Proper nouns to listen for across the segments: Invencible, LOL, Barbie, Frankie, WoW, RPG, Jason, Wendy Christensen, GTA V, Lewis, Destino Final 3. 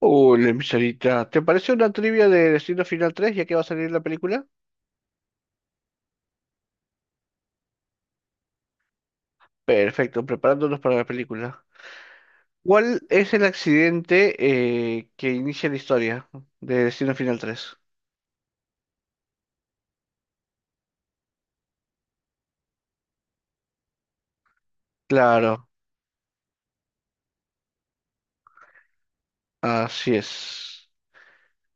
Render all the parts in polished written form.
Hola, mi Sarita. ¿Te parece una trivia de Destino Final 3 ya que va a salir la película? Perfecto, preparándonos para la película. ¿Cuál es el accidente que inicia la historia de Destino Final 3? Claro, así es.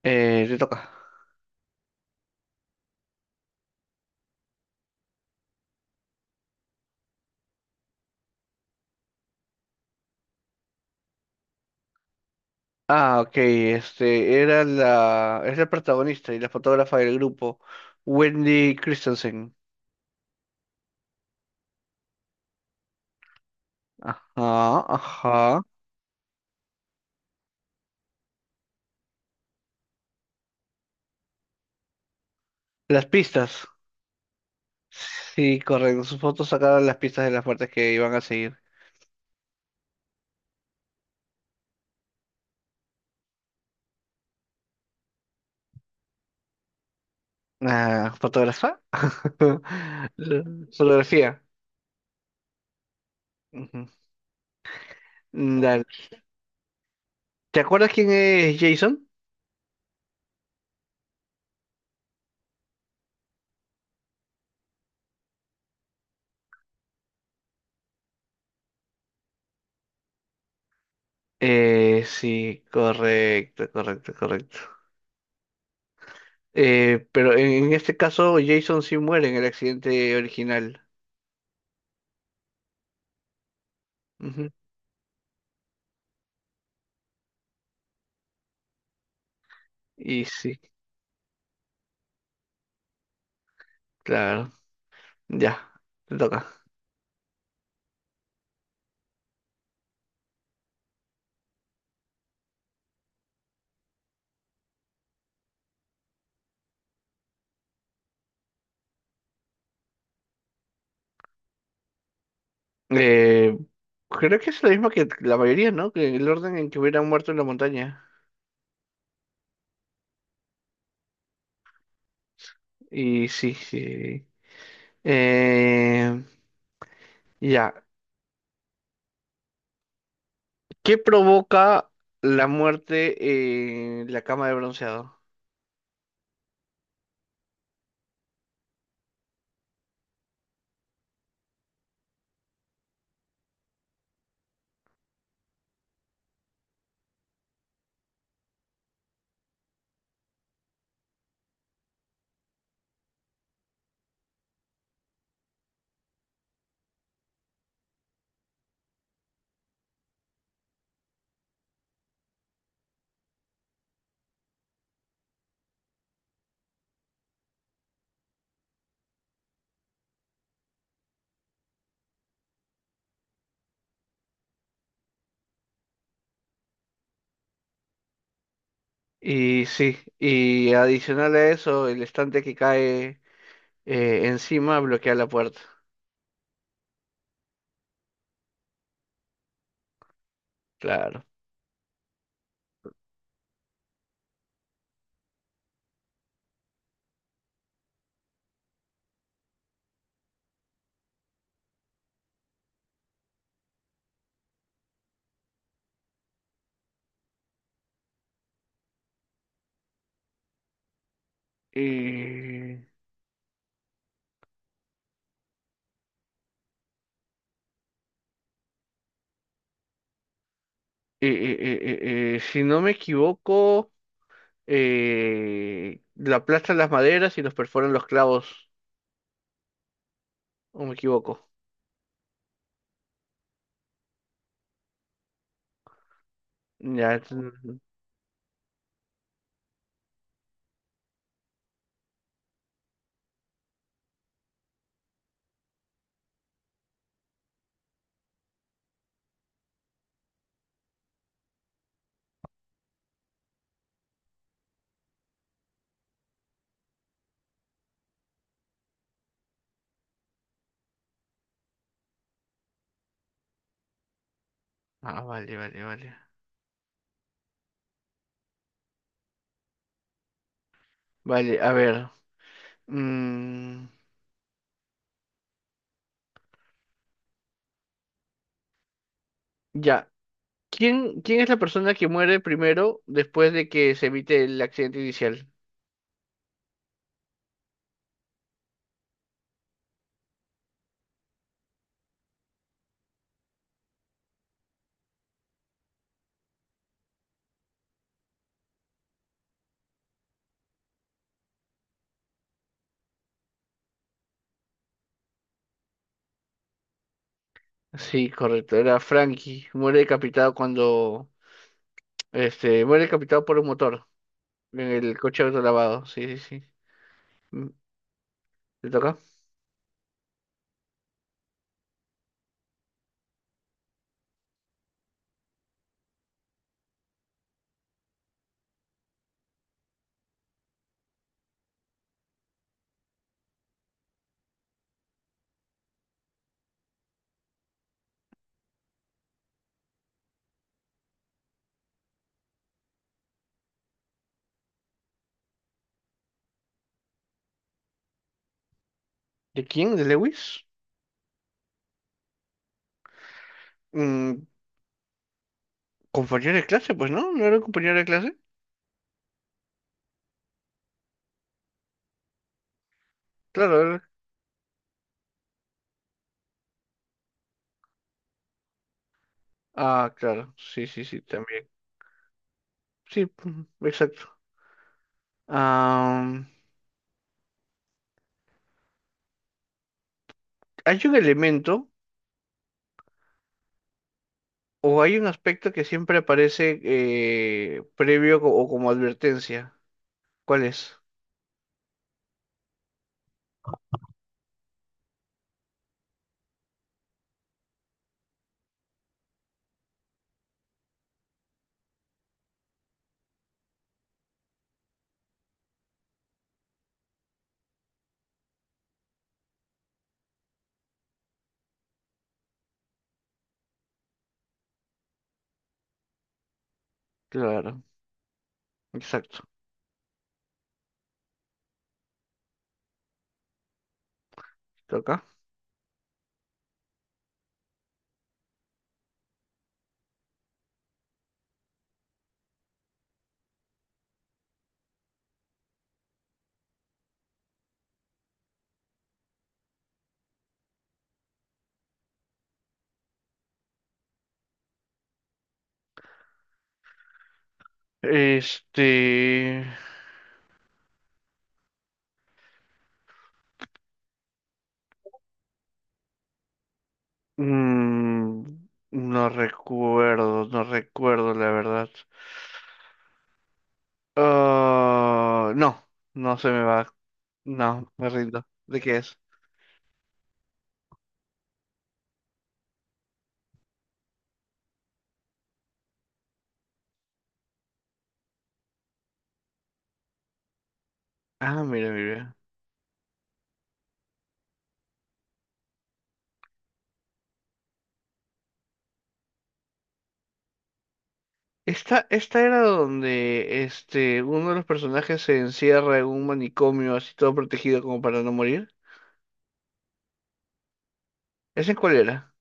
Te toca. Ah, ok, es la protagonista y la fotógrafa del grupo, Wendy Christensen. Ajá, ajá. Las pistas. Sí, correcto. Sus fotos sacaron las pistas de las muertes que iban a seguir. Ah, ¿fotógrafa? Fotografía. Ujú. Mm, dale. ¿Te acuerdas quién es Jason? Sí, correcto, correcto, correcto. Pero en este caso Jason sí muere en el accidente original. Ujú. Y sí, claro. Ya, te toca. Eh, creo que es lo mismo que la mayoría, ¿no? Que el orden en que hubieran muerto en la montaña. Y sí, sí. Eh, ya. ¿Qué provoca la muerte en la cama de bronceado? Y sí, y adicional a eso, el estante que cae encima bloquea la puerta. Claro. Y, y- si no me equivoco, la aplastan las maderas y los perforan los clavos. ¿O me equivoco? Ya. ent- Ah, vale, vale, vale. Vale, a ver. mm, ya. ¿Quién, quién es la persona que muere primero después de que se evite el accidente inicial? Sí, correcto, era Frankie. Muere decapitado por un motor en el coche autolavado. Sí, sí, sí. Mm, ¿le toca? ¿De quién? ¿De Lewis? Mm, compañero de clase, pues no, no era un compañero de clase. Claro, era- Ah, claro, sí, sí, sí, también. Sí, mm, exacto. Ah, hay un elemento. O hay un aspecto que siempre aparece o como advertencia. ¿Cuál es? Claro, exacto. Toca. Este... mm, no recuerdo, no recuerdo la verdad. Ah, no, no se me va. No, me rindo. ¿De qué es? Ah, mira, mira. Esta era donde uno de los personajes se encierra en un manicomio así todo protegido como para no morir. ¿Ese cuál era?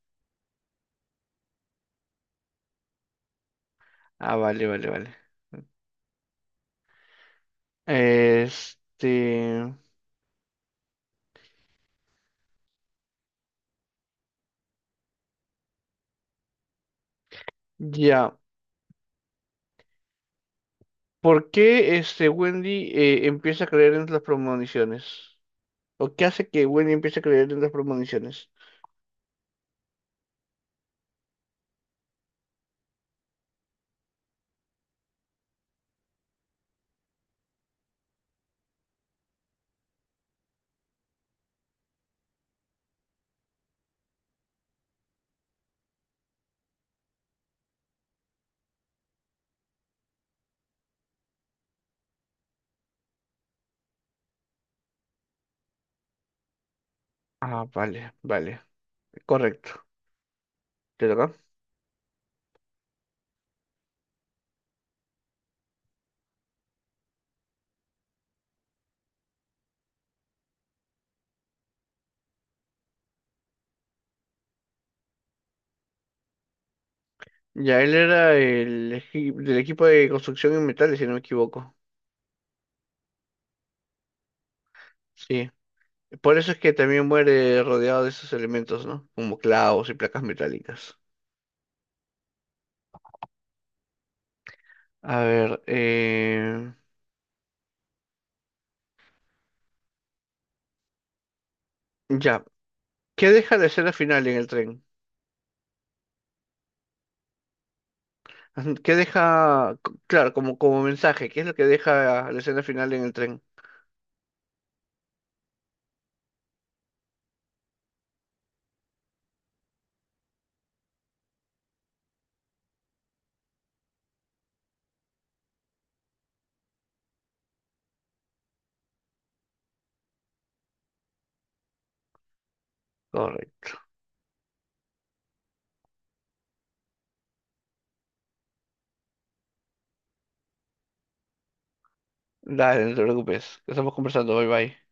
Ah, vale, vale, vale. Este, ya. ¿Por qué Wendy empieza a creer en las premoniciones? ¿O qué hace que Wendy empiece a creer en las premoniciones? Ah, vale, vale, correcto. ¿Te toca? Ya él era del equipo de construcción en metales, si no me equivoco. Sí. Por eso es que también muere rodeado de esos elementos, ¿no? Como clavos y placas metálicas. A ver, ya. ¿Qué deja de ser al final en el tren? Claro, como, como mensaje, ¿qué es lo que deja la escena final en el tren? Correcto. Dale, no te preocupes. Estamos conversando. Bye bye.